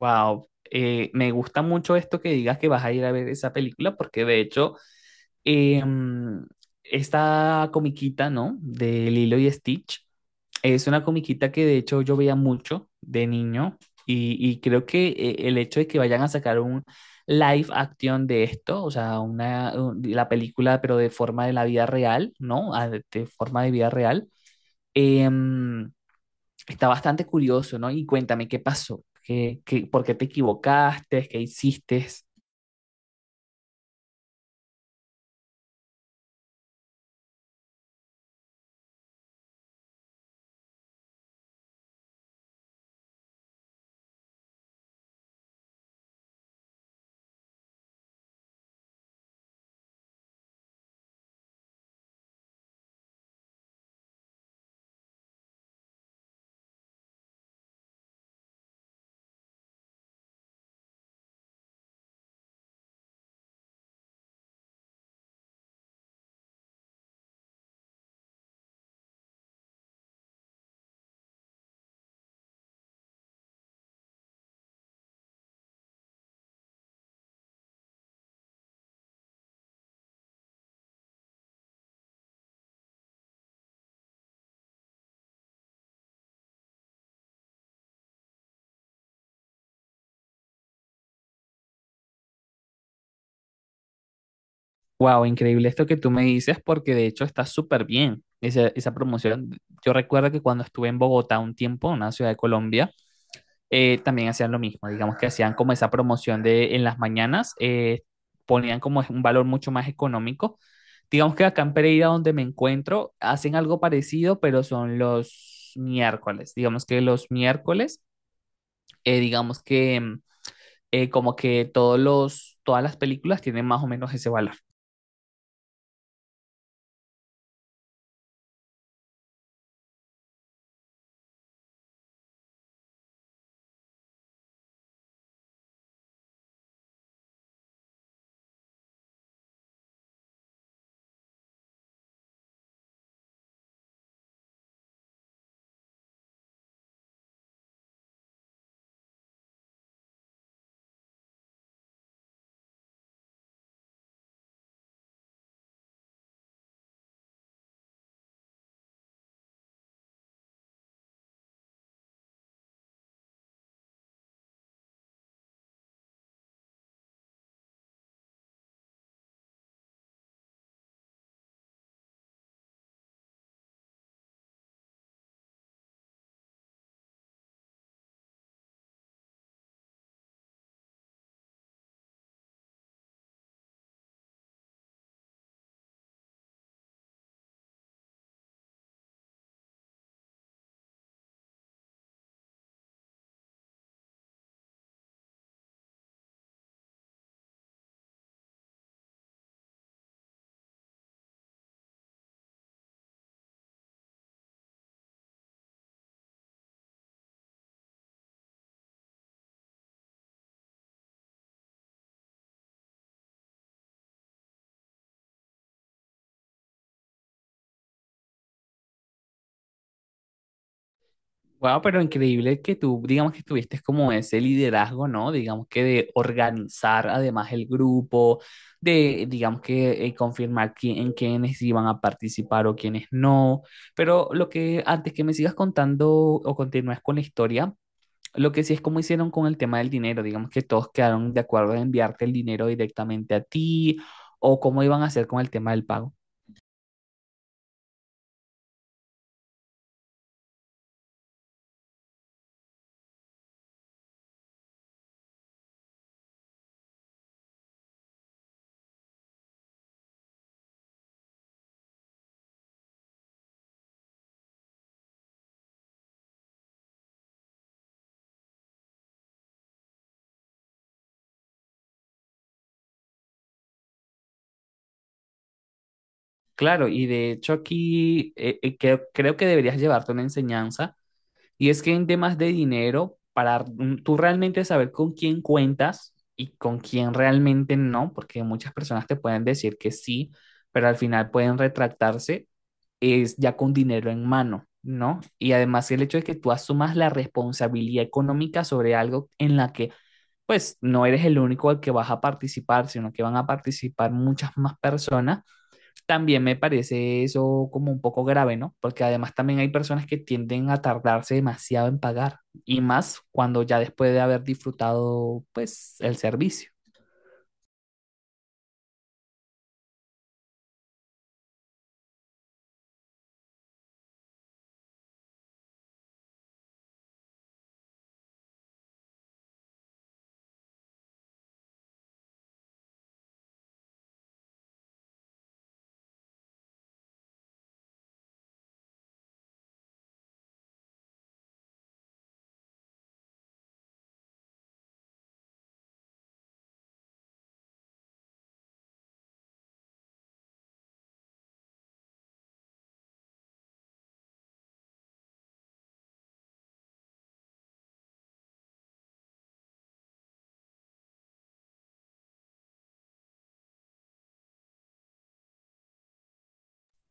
Wow, me gusta mucho esto que digas que vas a ir a ver esa película, porque de hecho, eh, mm, esta comiquita, ¿no? De Lilo y Stitch, es una comiquita que de hecho yo veía mucho de niño y creo que el hecho de que vayan a sacar un live action de esto, o sea, la película pero de forma de la vida real, ¿no? Ah, de forma de vida real. em, Está bastante curioso, ¿no? Y cuéntame qué pasó. Por qué te equivocaste, qué hiciste? Wow, increíble esto que tú me dices, porque de hecho está súper bien esa promoción. Yo recuerdo que cuando estuve en Bogotá un tiempo, una ciudad de Colombia, también hacían lo mismo, digamos que hacían como esa promoción de en las mañanas, ponían como un valor mucho más económico. Digamos que acá en Pereira, donde me encuentro, hacen algo parecido, pero son los miércoles. Digamos que los miércoles, digamos que como que todas las películas tienen más o menos ese valor. Wow, pero increíble que tú, digamos que tuviste como ese liderazgo, ¿no? Digamos que de organizar además el grupo, de, digamos que confirmar en quiénes iban a participar o quiénes no. Pero lo que, antes que me sigas contando o continúes con la historia, lo que sí es cómo hicieron con el tema del dinero, digamos que todos quedaron de acuerdo en enviarte el dinero directamente a ti o cómo iban a hacer con el tema del pago. Claro, y de hecho aquí creo que deberías llevarte una enseñanza, y es que en temas de dinero, para tú realmente saber con quién cuentas y con quién realmente no, porque muchas personas te pueden decir que sí, pero al final pueden retractarse, es ya con dinero en mano, ¿no? Y además el hecho de que tú asumas la responsabilidad económica sobre algo en la que pues no eres el único al que vas a participar, sino que van a participar muchas más personas también me parece eso como un poco grave, ¿no? Porque además también hay personas que tienden a tardarse demasiado en pagar y más cuando ya después de haber disfrutado, pues, el servicio.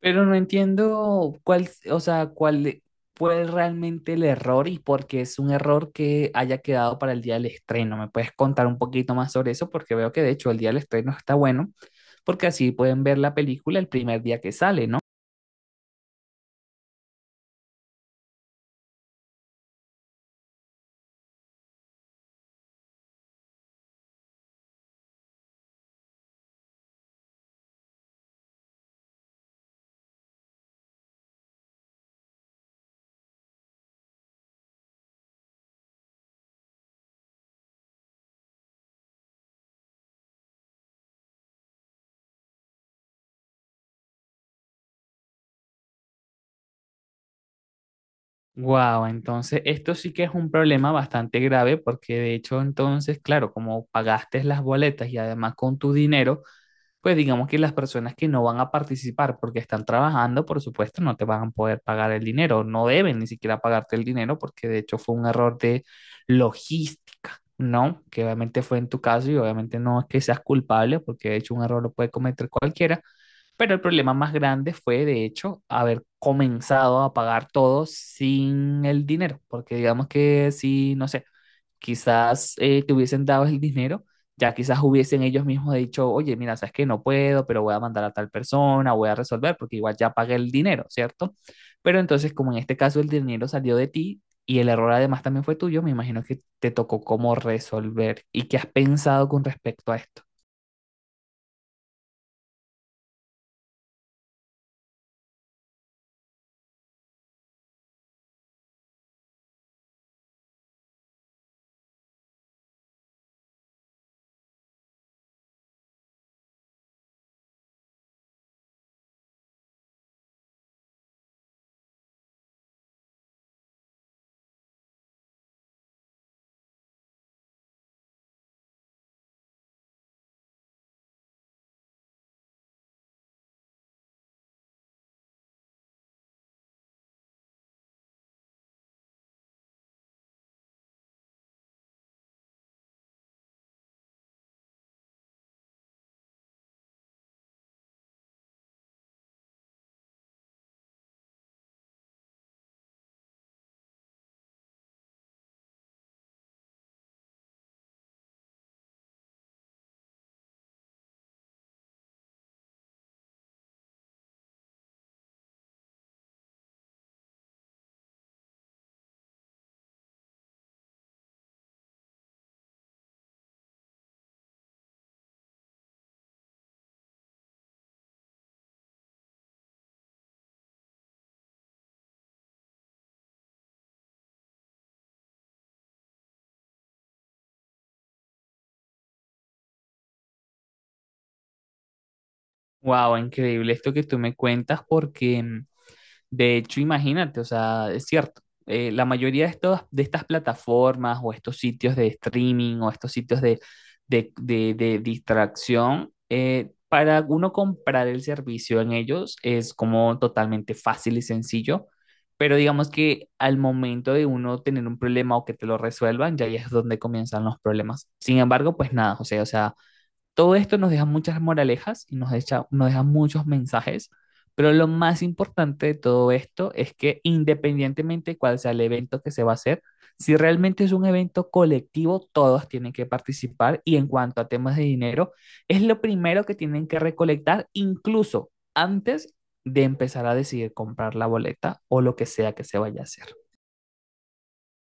Pero no entiendo cuál, o sea, cuál fue realmente el error y por qué es un error que haya quedado para el día del estreno. ¿Me puedes contar un poquito más sobre eso? Porque veo que de hecho el día del estreno está bueno, porque así pueden ver la película el primer día que sale, ¿no? Wow, entonces esto sí que es un problema bastante grave porque de hecho entonces, claro, como pagaste las boletas y además con tu dinero, pues digamos que las personas que no van a participar porque están trabajando, por supuesto, no te van a poder pagar el dinero, no deben ni siquiera pagarte el dinero porque de hecho fue un error de logística, ¿no? Que obviamente fue en tu caso y obviamente no es que seas culpable porque de hecho un error lo puede cometer cualquiera, pero el problema más grande fue, de hecho, haber comenzado a pagar todo sin el dinero, porque digamos que si, no sé, quizás te hubiesen dado el dinero, ya quizás hubiesen ellos mismos dicho, oye, mira, sabes que no puedo, pero voy a mandar a tal persona, voy a resolver, porque igual ya pagué el dinero, ¿cierto? Pero entonces, como en este caso el dinero salió de ti y el error además también fue tuyo, me imagino que te tocó cómo resolver y qué has pensado con respecto a esto. Wow, increíble esto que tú me cuentas porque de hecho, imagínate, o sea, es cierto, la mayoría de, de estas plataformas o estos sitios de streaming o estos sitios de distracción, para uno comprar el servicio en ellos es como totalmente fácil y sencillo, pero digamos que al momento de uno tener un problema o que te lo resuelvan, ya ahí es donde comienzan los problemas. Sin embargo, pues nada, José, o sea todo esto nos deja muchas moralejas y nos deja muchos mensajes, pero lo más importante de todo esto es que independientemente de cuál sea el evento que se va a hacer, si realmente es un evento colectivo, todos tienen que participar y en cuanto a temas de dinero, es lo primero que tienen que recolectar incluso antes de empezar a decidir comprar la boleta o lo que sea que se vaya a hacer.